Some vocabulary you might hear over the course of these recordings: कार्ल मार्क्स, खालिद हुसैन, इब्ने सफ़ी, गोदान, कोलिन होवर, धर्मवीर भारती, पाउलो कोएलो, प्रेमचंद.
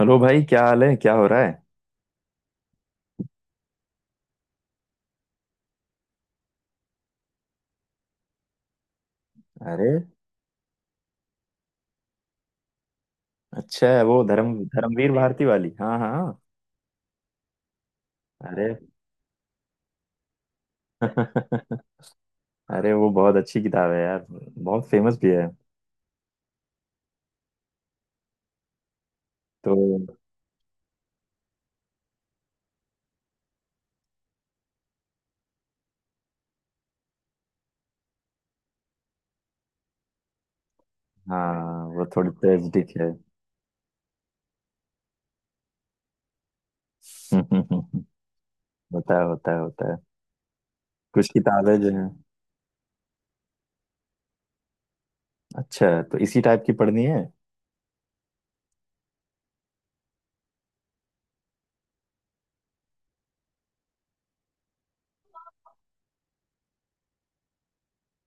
Hello भाई, क्या हाल है? क्या हो रहा है? अरे! अच्छा है वो, धर्मवीर भारती वाली। हाँ हाँ हाँ। अरे! अरे, वो बहुत अच्छी किताब है यार, बहुत फेमस भी है तो। हाँ, वो थोड़ी ट्रेजिक है। होता है, होता है, होता है। कुछ किताबें जो हैं। अच्छा, तो इसी टाइप की पढ़नी है?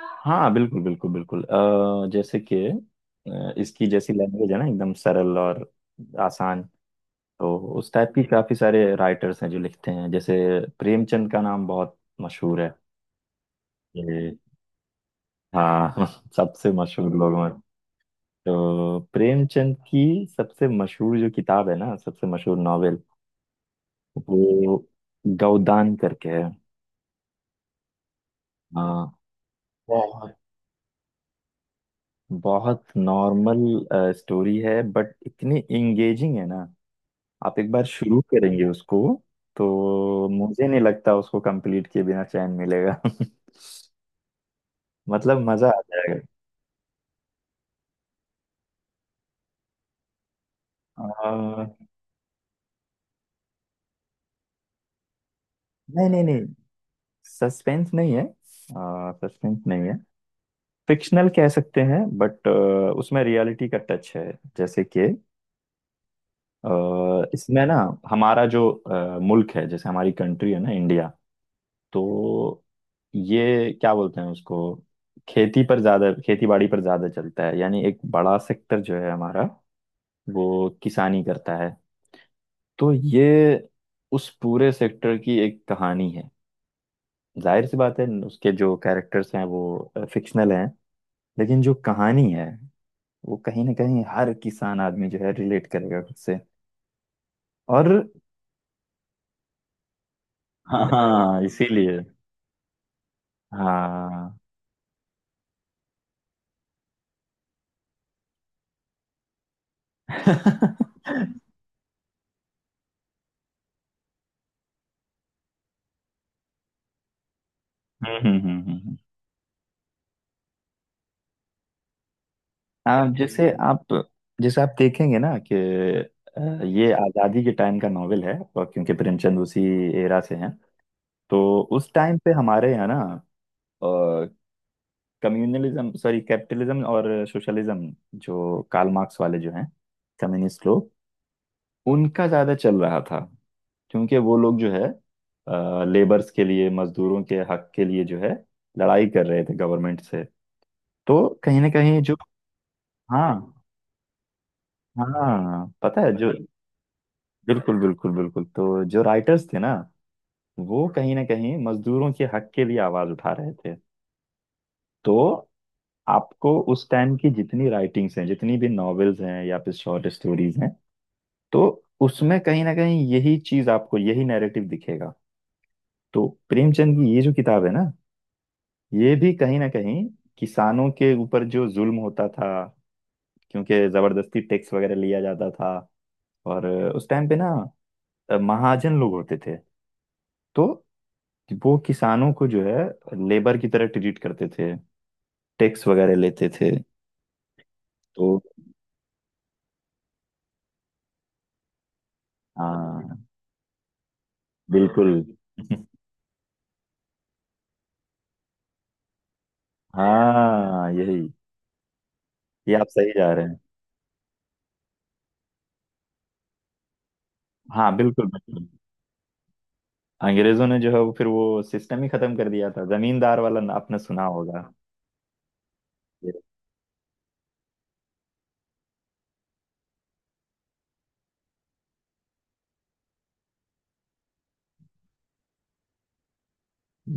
हाँ बिल्कुल बिल्कुल बिल्कुल। जैसे कि, इसकी जैसी लैंग्वेज है ना, एकदम सरल और आसान। तो उस टाइप की काफी सारे राइटर्स हैं जो लिखते हैं। जैसे, प्रेमचंद का नाम बहुत मशहूर है। ये- हाँ। सबसे मशहूर लोगों में। तो प्रेमचंद की सबसे मशहूर जो किताब है ना, सबसे मशहूर नॉवेल, वो गोदान करके है। हाँ। बहुत बहुत नॉर्मल स्टोरी है बट इतनी इंगेजिंग है ना, आप एक बार शुरू करेंगे उसको तो मुझे नहीं लगता उसको कंप्लीट किए बिना चैन मिलेगा। मतलब मजा आ जाएगा। आ, नहीं नहीं नहीं, सस्पेंस नहीं है। सस्पेंस नहीं है। फिक्शनल कह सकते हैं बट उसमें रियलिटी का टच है। जैसे कि, इसमें ना, हमारा जो मुल्क है, जैसे हमारी कंट्री है ना, इंडिया। तो ये क्या बोलते हैं उसको, खेती पर ज्यादा, खेती बाड़ी पर ज्यादा चलता है, यानी एक बड़ा सेक्टर जो है हमारा वो किसानी करता है। तो ये उस पूरे सेक्टर की एक कहानी है। जाहिर सी बात है उसके जो कैरेक्टर्स हैं वो फिक्शनल हैं, लेकिन जो कहानी है, वो कहीं ना कहीं हर किसान आदमी जो है रिलेट करेगा खुद से। और हाँ, इसीलिए। हाँ। हम्म हम्म हम्म, हम्म। आप जैसे आप जैसे आप देखेंगे ना कि, ये आज़ादी के टाइम का नॉवेल है, और क्योंकि प्रेमचंद उसी एरा से हैं तो। उस टाइम पे हमारे यहाँ ना, कम्युनलिज्म, सॉरी, कैपिटलिज्म और सोशलिज्म, जो कार्ल मार्क्स वाले जो हैं कम्युनिस्ट लोग, उनका ज्यादा चल रहा था। क्योंकि वो लोग जो है, लेबर्स के लिए, मजदूरों के हक के लिए जो है, लड़ाई कर रहे थे गवर्नमेंट से। तो कहीं ना कहीं जो। हाँ। हाँ पता है जो। बिल्कुल बिल्कुल बिल्कुल। तो जो राइटर्स थे ना, वो कहीं ना कहीं मजदूरों के हक के लिए आवाज उठा रहे थे। तो आपको उस टाइम की जितनी राइटिंग्स हैं, जितनी भी नॉवेल्स हैं या फिर शॉर्ट स्टोरीज हैं, तो उसमें कहीं ना कहीं यही चीज, आपको यही नैरेटिव दिखेगा। तो प्रेमचंद की ये जो किताब है ना, ये भी कहीं ना कहीं, किसानों के ऊपर जो जुल्म होता था, क्योंकि जबरदस्ती टैक्स वगैरह लिया जाता था, और उस टाइम पे ना, महाजन लोग होते थे, तो वो किसानों को जो है, लेबर की तरह ट्रीट करते थे, टैक्स वगैरह लेते थे। तो हाँ बिल्कुल। हाँ यही, ये आप सही जा रहे हैं। हाँ बिल्कुल बिल्कुल। अंग्रेजों ने जो है वो, फिर वो सिस्टम ही खत्म कर दिया था जमींदार वाला। आपने सुना होगा। ये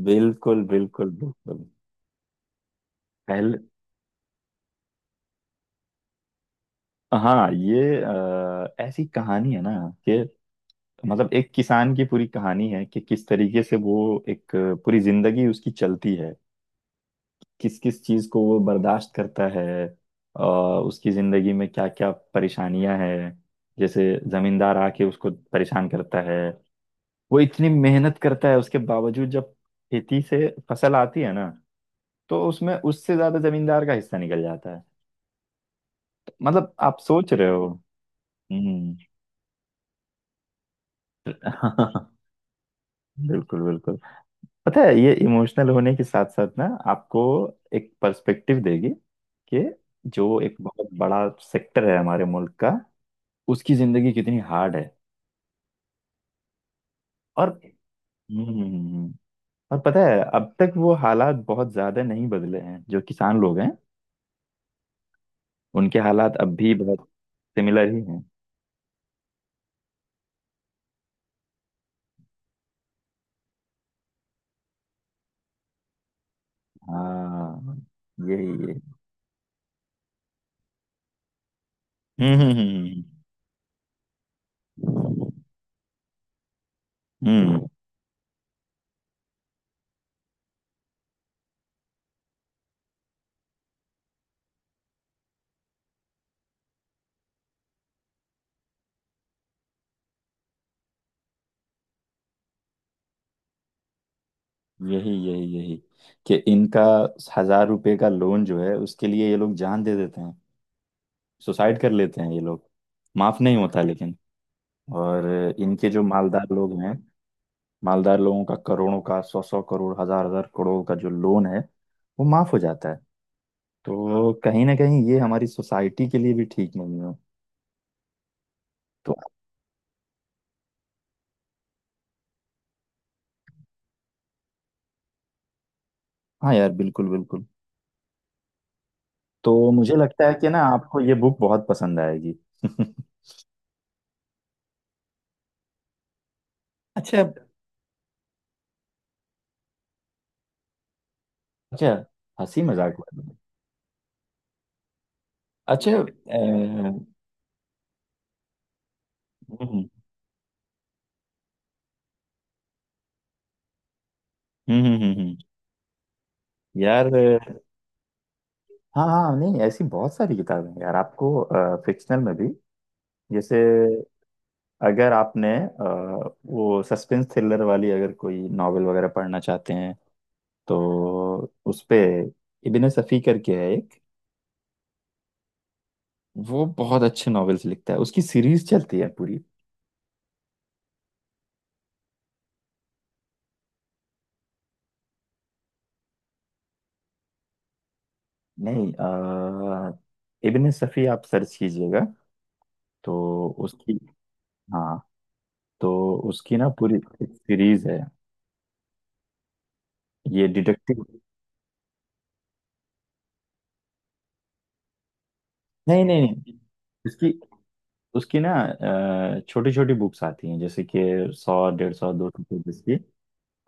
बिल्कुल बिल्कुल बिल्कुल। पहले। हाँ, ये ऐसी कहानी है ना कि, मतलब एक किसान की पूरी कहानी है कि किस तरीके से वो, एक पूरी जिंदगी उसकी चलती है, किस किस चीज को वो बर्दाश्त करता है, अ, उसकी जिंदगी में क्या क्या परेशानियां हैं। जैसे जमींदार आके उसको परेशान करता है, वो इतनी मेहनत करता है उसके बावजूद जब खेती से फसल आती है ना, तो उसमें उससे ज्यादा जमींदार का हिस्सा निकल जाता है। मतलब आप सोच रहे हो। हम्म। बिल्कुल बिल्कुल। पता है, ये इमोशनल होने के साथ साथ ना, आपको एक पर्सपेक्टिव देगी, कि जो एक बहुत बड़ा सेक्टर है हमारे मुल्क का, उसकी जिंदगी कितनी हार्ड है। और। हम्म हम्म, हम्म, हम्म। और पता है, अब तक वो हालात बहुत ज्यादा नहीं बदले हैं, जो किसान लोग हैं उनके हालात अब भी बहुत सिमिलर ही हैं। हाँ यही यही। हम्म हम्म हम्म हम्म, यही यही यही। कि इनका 1000 रुपए का लोन जो है उसके लिए ये लोग जान दे देते हैं, सुसाइड कर लेते हैं ये लोग। माफ नहीं होता लेकिन। और इनके जो मालदार लोग हैं, मालदार लोगों का करोड़ों का, सौ सौ करोड़, हजार हजार करोड़ का जो लोन है, वो माफ हो जाता है। तो कहीं ना कहीं ये हमारी सोसाइटी के लिए भी ठीक नहीं है। तो हाँ यार बिल्कुल बिल्कुल। तो मुझे लगता है कि ना, आपको ये बुक बहुत पसंद आएगी। अच्छा। अच्छा, हंसी मजाक वाली बुक। अच्छा। हम्म। हम्म हम्म, हम्म, हम्म, यार। हाँ हाँ। नहीं, ऐसी बहुत सारी किताबें हैं यार आपको, फिक्शनल में भी। जैसे अगर आपने, वो सस्पेंस थ्रिलर वाली अगर कोई नॉवेल वगैरह पढ़ना चाहते हैं तो, उस पे इब्ने सफ़ी करके है एक। वो बहुत अच्छे नॉवेल्स लिखता है, उसकी सीरीज चलती है पूरी। नहीं, इब्ने सफ़ी आप सर्च कीजिएगा, तो उसकी। हाँ, तो उसकी ना पूरी एक सीरीज है। ये डिटेक्टिव। नहीं नहीं नहीं, उसकी उसकी ना छोटी छोटी बुक्स आती हैं, जैसे कि 100, 150, 200 पेजेस की।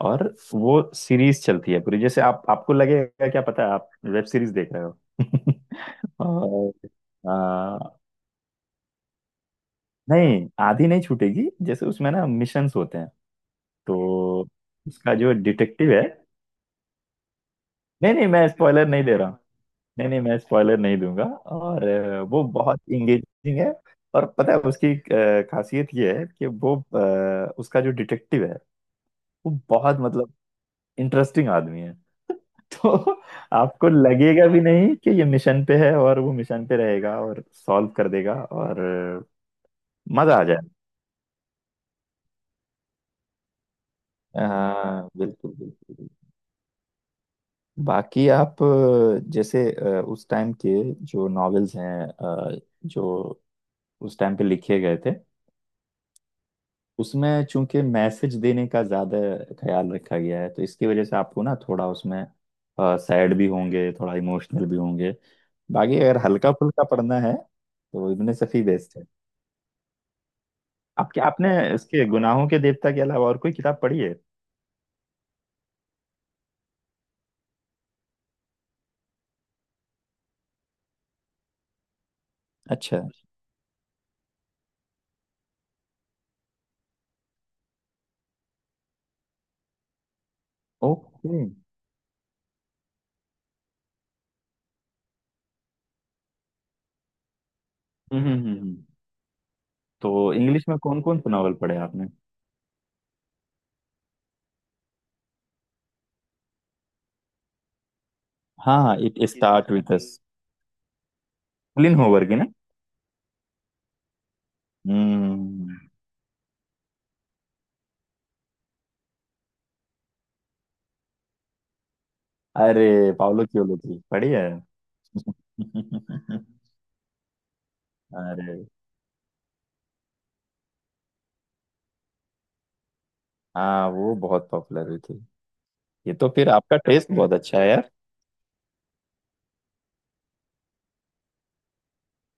और वो सीरीज चलती है पूरी, जैसे आप आपको लगेगा क्या पता है आप वेब सीरीज देख रहे हो। और। अ, नहीं, आधी नहीं छूटेगी। जैसे उसमें ना, मिशंस होते हैं। तो उसका जो डिटेक्टिव है। नहीं नहीं, मैं स्पॉइलर नहीं दे रहा हूँ। नहीं नहीं, मैं स्पॉइलर नहीं दूंगा। और वो बहुत इंगेजिंग है। और पता है, उसकी खासियत ये है कि वो, उसका जो डिटेक्टिव है वो बहुत मतलब इंटरेस्टिंग आदमी है। तो, आपको लगेगा भी नहीं कि ये मिशन पे है, और वो मिशन पे रहेगा और सॉल्व कर देगा, और मजा आ जाए। हाँ बिल्कुल बिल्कुल। बाकी आप जैसे उस टाइम के जो नॉवेल्स हैं, जो उस टाइम पे लिखे गए थे, उसमें चूंकि मैसेज देने का ज्यादा ख्याल रखा गया है, तो इसकी वजह से आपको ना थोड़ा उसमें सैड भी होंगे, थोड़ा इमोशनल भी होंगे। बाकी अगर हल्का फुल्का पढ़ना है, तो इब्ने सफी बेस्ट है। आपके आपने इसके गुनाहों के देवता के अलावा और कोई किताब पढ़ी है? अच्छा। ओके। हम्म हम्म हम्म। तो इंग्लिश में कौन कौन से नॉवल पढ़े आपने? हाँ हाँ, it start with us. Colleen Hoover की ना। हम्म। अरे! पाउलो क्योलो की, बढ़िया है। अरे हाँ, वो बहुत पॉपुलर हुई थी। ये तो फिर आपका टेस्ट बहुत अच्छा है यार।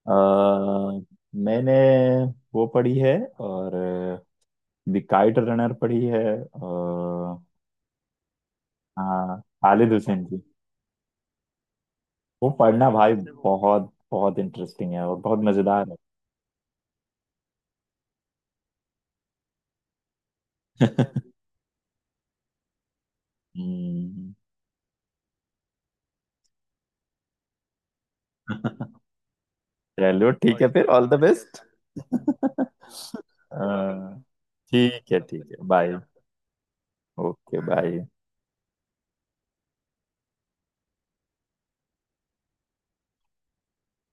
अ, मैंने वो पढ़ी है, और द काइट रनर पढ़ी है, और। हाँ, खालिद हुसैन की। वो पढ़ना भाई, बहुत बहुत इंटरेस्टिंग है और बहुत मजेदार है। हम्म। चलो ठीक है, और फिर ऑल द बेस्ट। चलो। हाँ। ठीक है, ठीक है, बाय। Okay, bye.